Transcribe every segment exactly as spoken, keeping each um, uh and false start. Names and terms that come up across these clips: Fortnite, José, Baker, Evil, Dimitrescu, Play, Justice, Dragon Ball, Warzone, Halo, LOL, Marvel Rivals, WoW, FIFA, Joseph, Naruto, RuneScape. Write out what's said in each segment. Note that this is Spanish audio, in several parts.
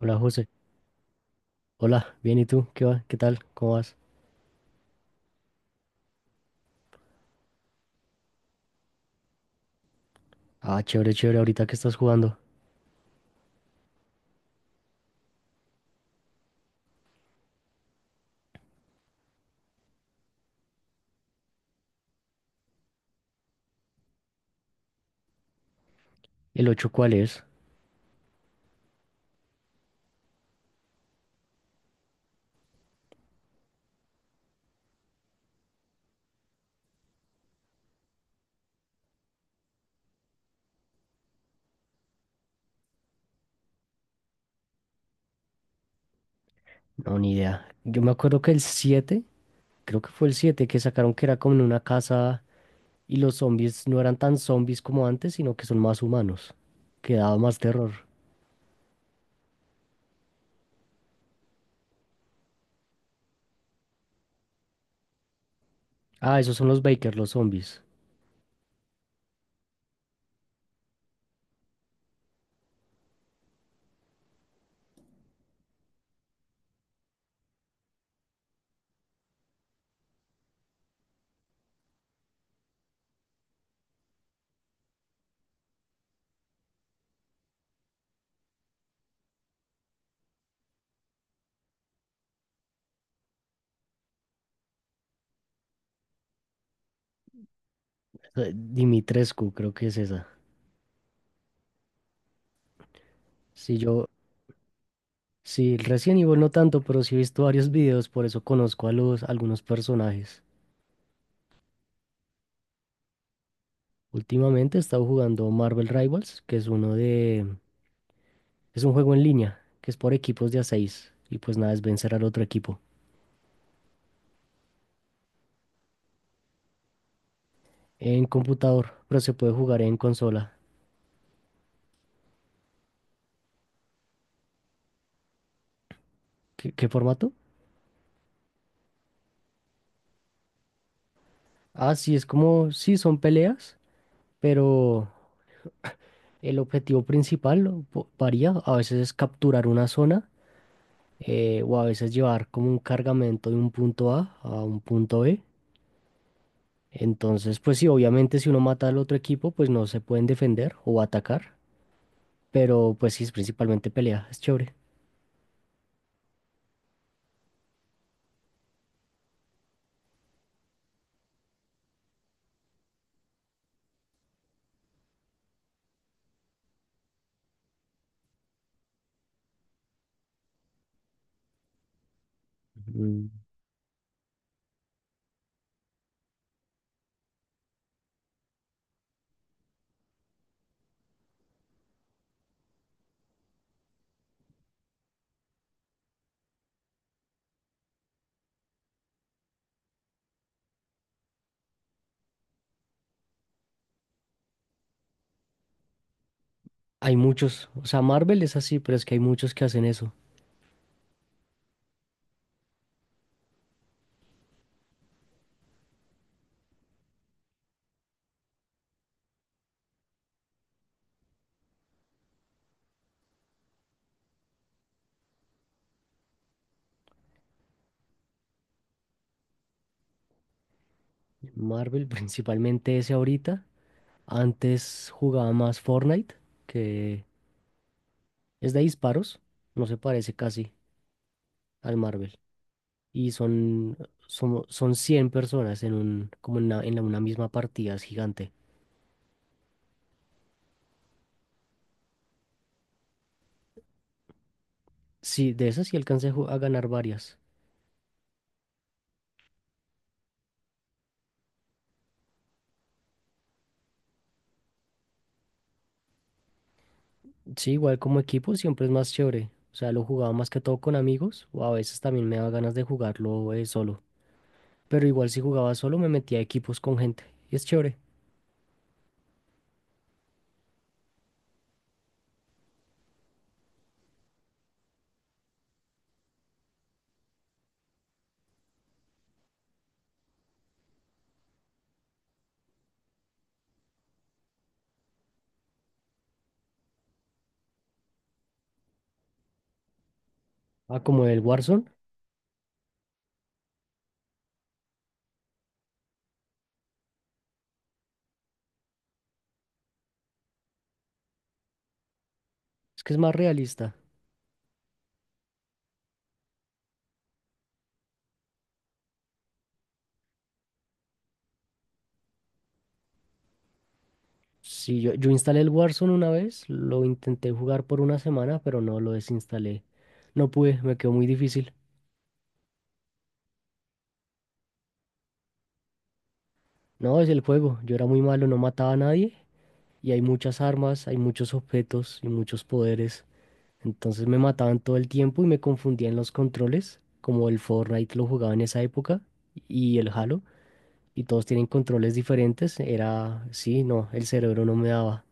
Hola José, hola, bien, ¿y tú? ¿Qué va? ¿Qué tal? ¿Cómo vas? Ah, chévere, chévere, ahorita que estás jugando. ¿El ocho, cuál es? No, ni idea. Yo me acuerdo que el siete, creo que fue el siete, que sacaron que era como en una casa y los zombies no eran tan zombies como antes, sino que son más humanos. Que daba más terror. Ah, esos son los Baker, los zombies. Eh, Dimitrescu, creo que es esa. Sí, yo, sí, recién Evil no tanto, pero sí he visto varios videos, por eso conozco a los, algunos personajes. Últimamente he estado jugando Marvel Rivals, que es uno de… Es un juego en línea, que es por equipos de a seis. Y pues nada, es vencer al otro equipo. En computador, pero se puede jugar en consola. ¿Qué, qué formato? Ah, sí, es como… Sí, son peleas, pero el objetivo principal o po- varía. A veces es capturar una zona, eh, o a veces llevar como un cargamento de un punto A a un punto B. Entonces, pues sí, obviamente si uno mata al otro equipo, pues no se pueden defender o atacar. Pero pues sí, es principalmente pelea, es chévere. Mm. Hay muchos, o sea, Marvel es así, pero es que hay muchos que hacen eso. Marvel, principalmente ese ahorita. Antes jugaba más Fortnite, que es de disparos, no se parece casi al Marvel. Y son, son, son cien personas en un, como en una, en la- una misma partida, es gigante. Sí, de esas sí alcancé a ju- a ganar varias. Sí, igual como equipo siempre es más chévere. O sea, lo jugaba más que todo con amigos o a veces también me daba ganas de jugarlo eh, solo. Pero igual si jugaba solo me metía a equipos con gente y es chévere. Ah, como el Warzone, es que es más realista. Sí, yo, yo instalé el Warzone una vez, lo intenté jugar por una semana, pero no lo desinstalé. No pude, me quedó muy difícil. No, es el juego, yo era muy malo, no mataba a nadie y hay muchas armas, hay muchos objetos y muchos poderes. Entonces me mataban todo el tiempo y me confundían los controles, como el Fortnite lo jugaba en esa época y el Halo, y todos tienen controles diferentes. Era, sí, no, el cerebro no me daba.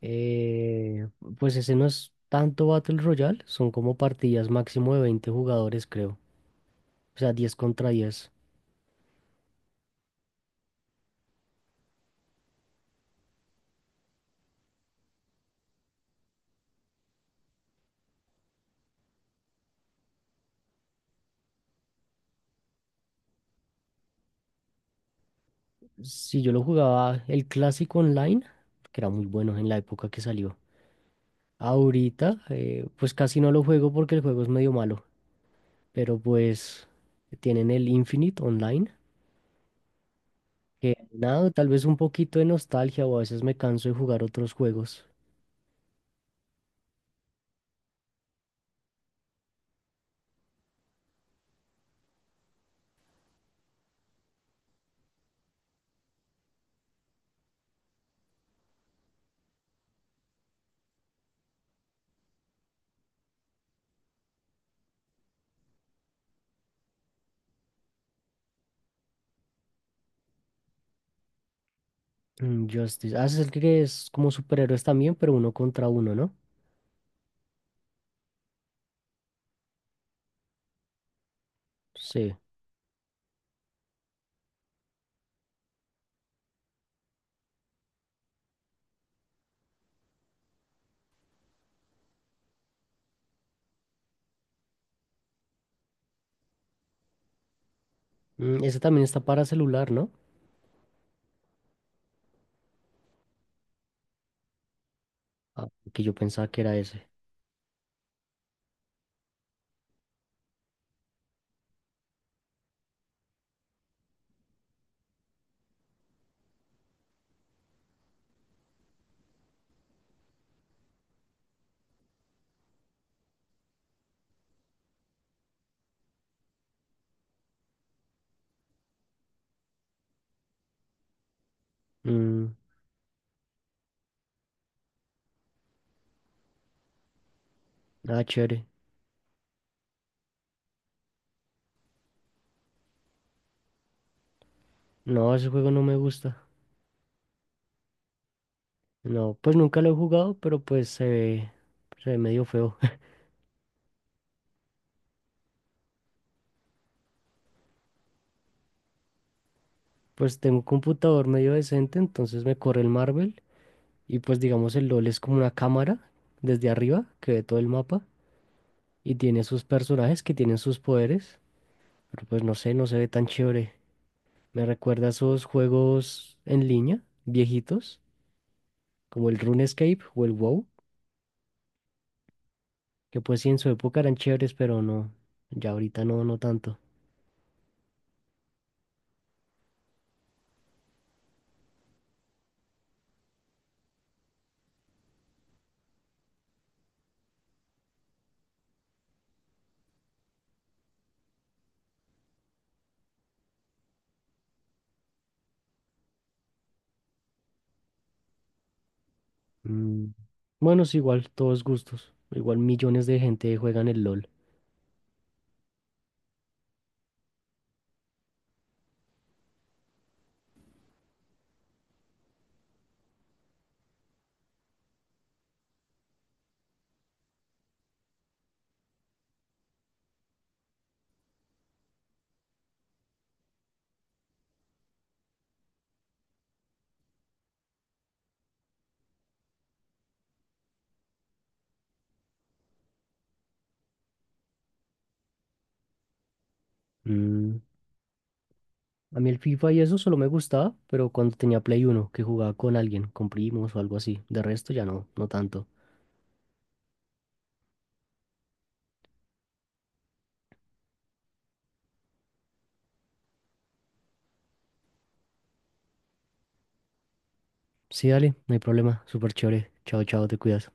Eh, pues ese no es tanto Battle Royale, son como partidas máximo de veinte jugadores, creo. O sea, diez contra diez. Si yo lo jugaba el clásico online, que era muy bueno en la época que salió. Ahorita, eh, pues casi no lo juego porque el juego es medio malo. Pero pues tienen el Infinite Online, que nada, tal vez un poquito de nostalgia o a veces me canso de jugar otros juegos. Mm, Justice, ah, ese es el que es como superhéroes también, pero uno contra uno, ¿no? Sí. Mm, ese también está para celular, ¿no? Ah, que yo pensaba que era ese. Mm, ah, chévere. No, ese juego no me gusta. No, pues nunca lo he jugado, pero pues se ve, se ve medio feo. Pues tengo un computador medio decente, entonces me corre el Marvel. Y pues digamos el L O L es como una cámara desde arriba que ve todo el mapa y tiene sus personajes que tienen sus poderes, pero pues no sé, no se ve tan chévere. Me recuerda a esos juegos en línea, viejitos, como el RuneScape o el W o W, que pues sí en su época eran chéveres, pero no, ya ahorita no, no tanto. Mm. Bueno, es igual, todos gustos. Igual millones de gente juegan el L O L. Mm. A mí el F I F A y eso solo me gustaba, pero cuando tenía Play Uno que jugaba con alguien, con primos o algo así. De resto ya no, no tanto. Sí, dale, no hay problema. Súper chévere. Chao, chao, te cuidas.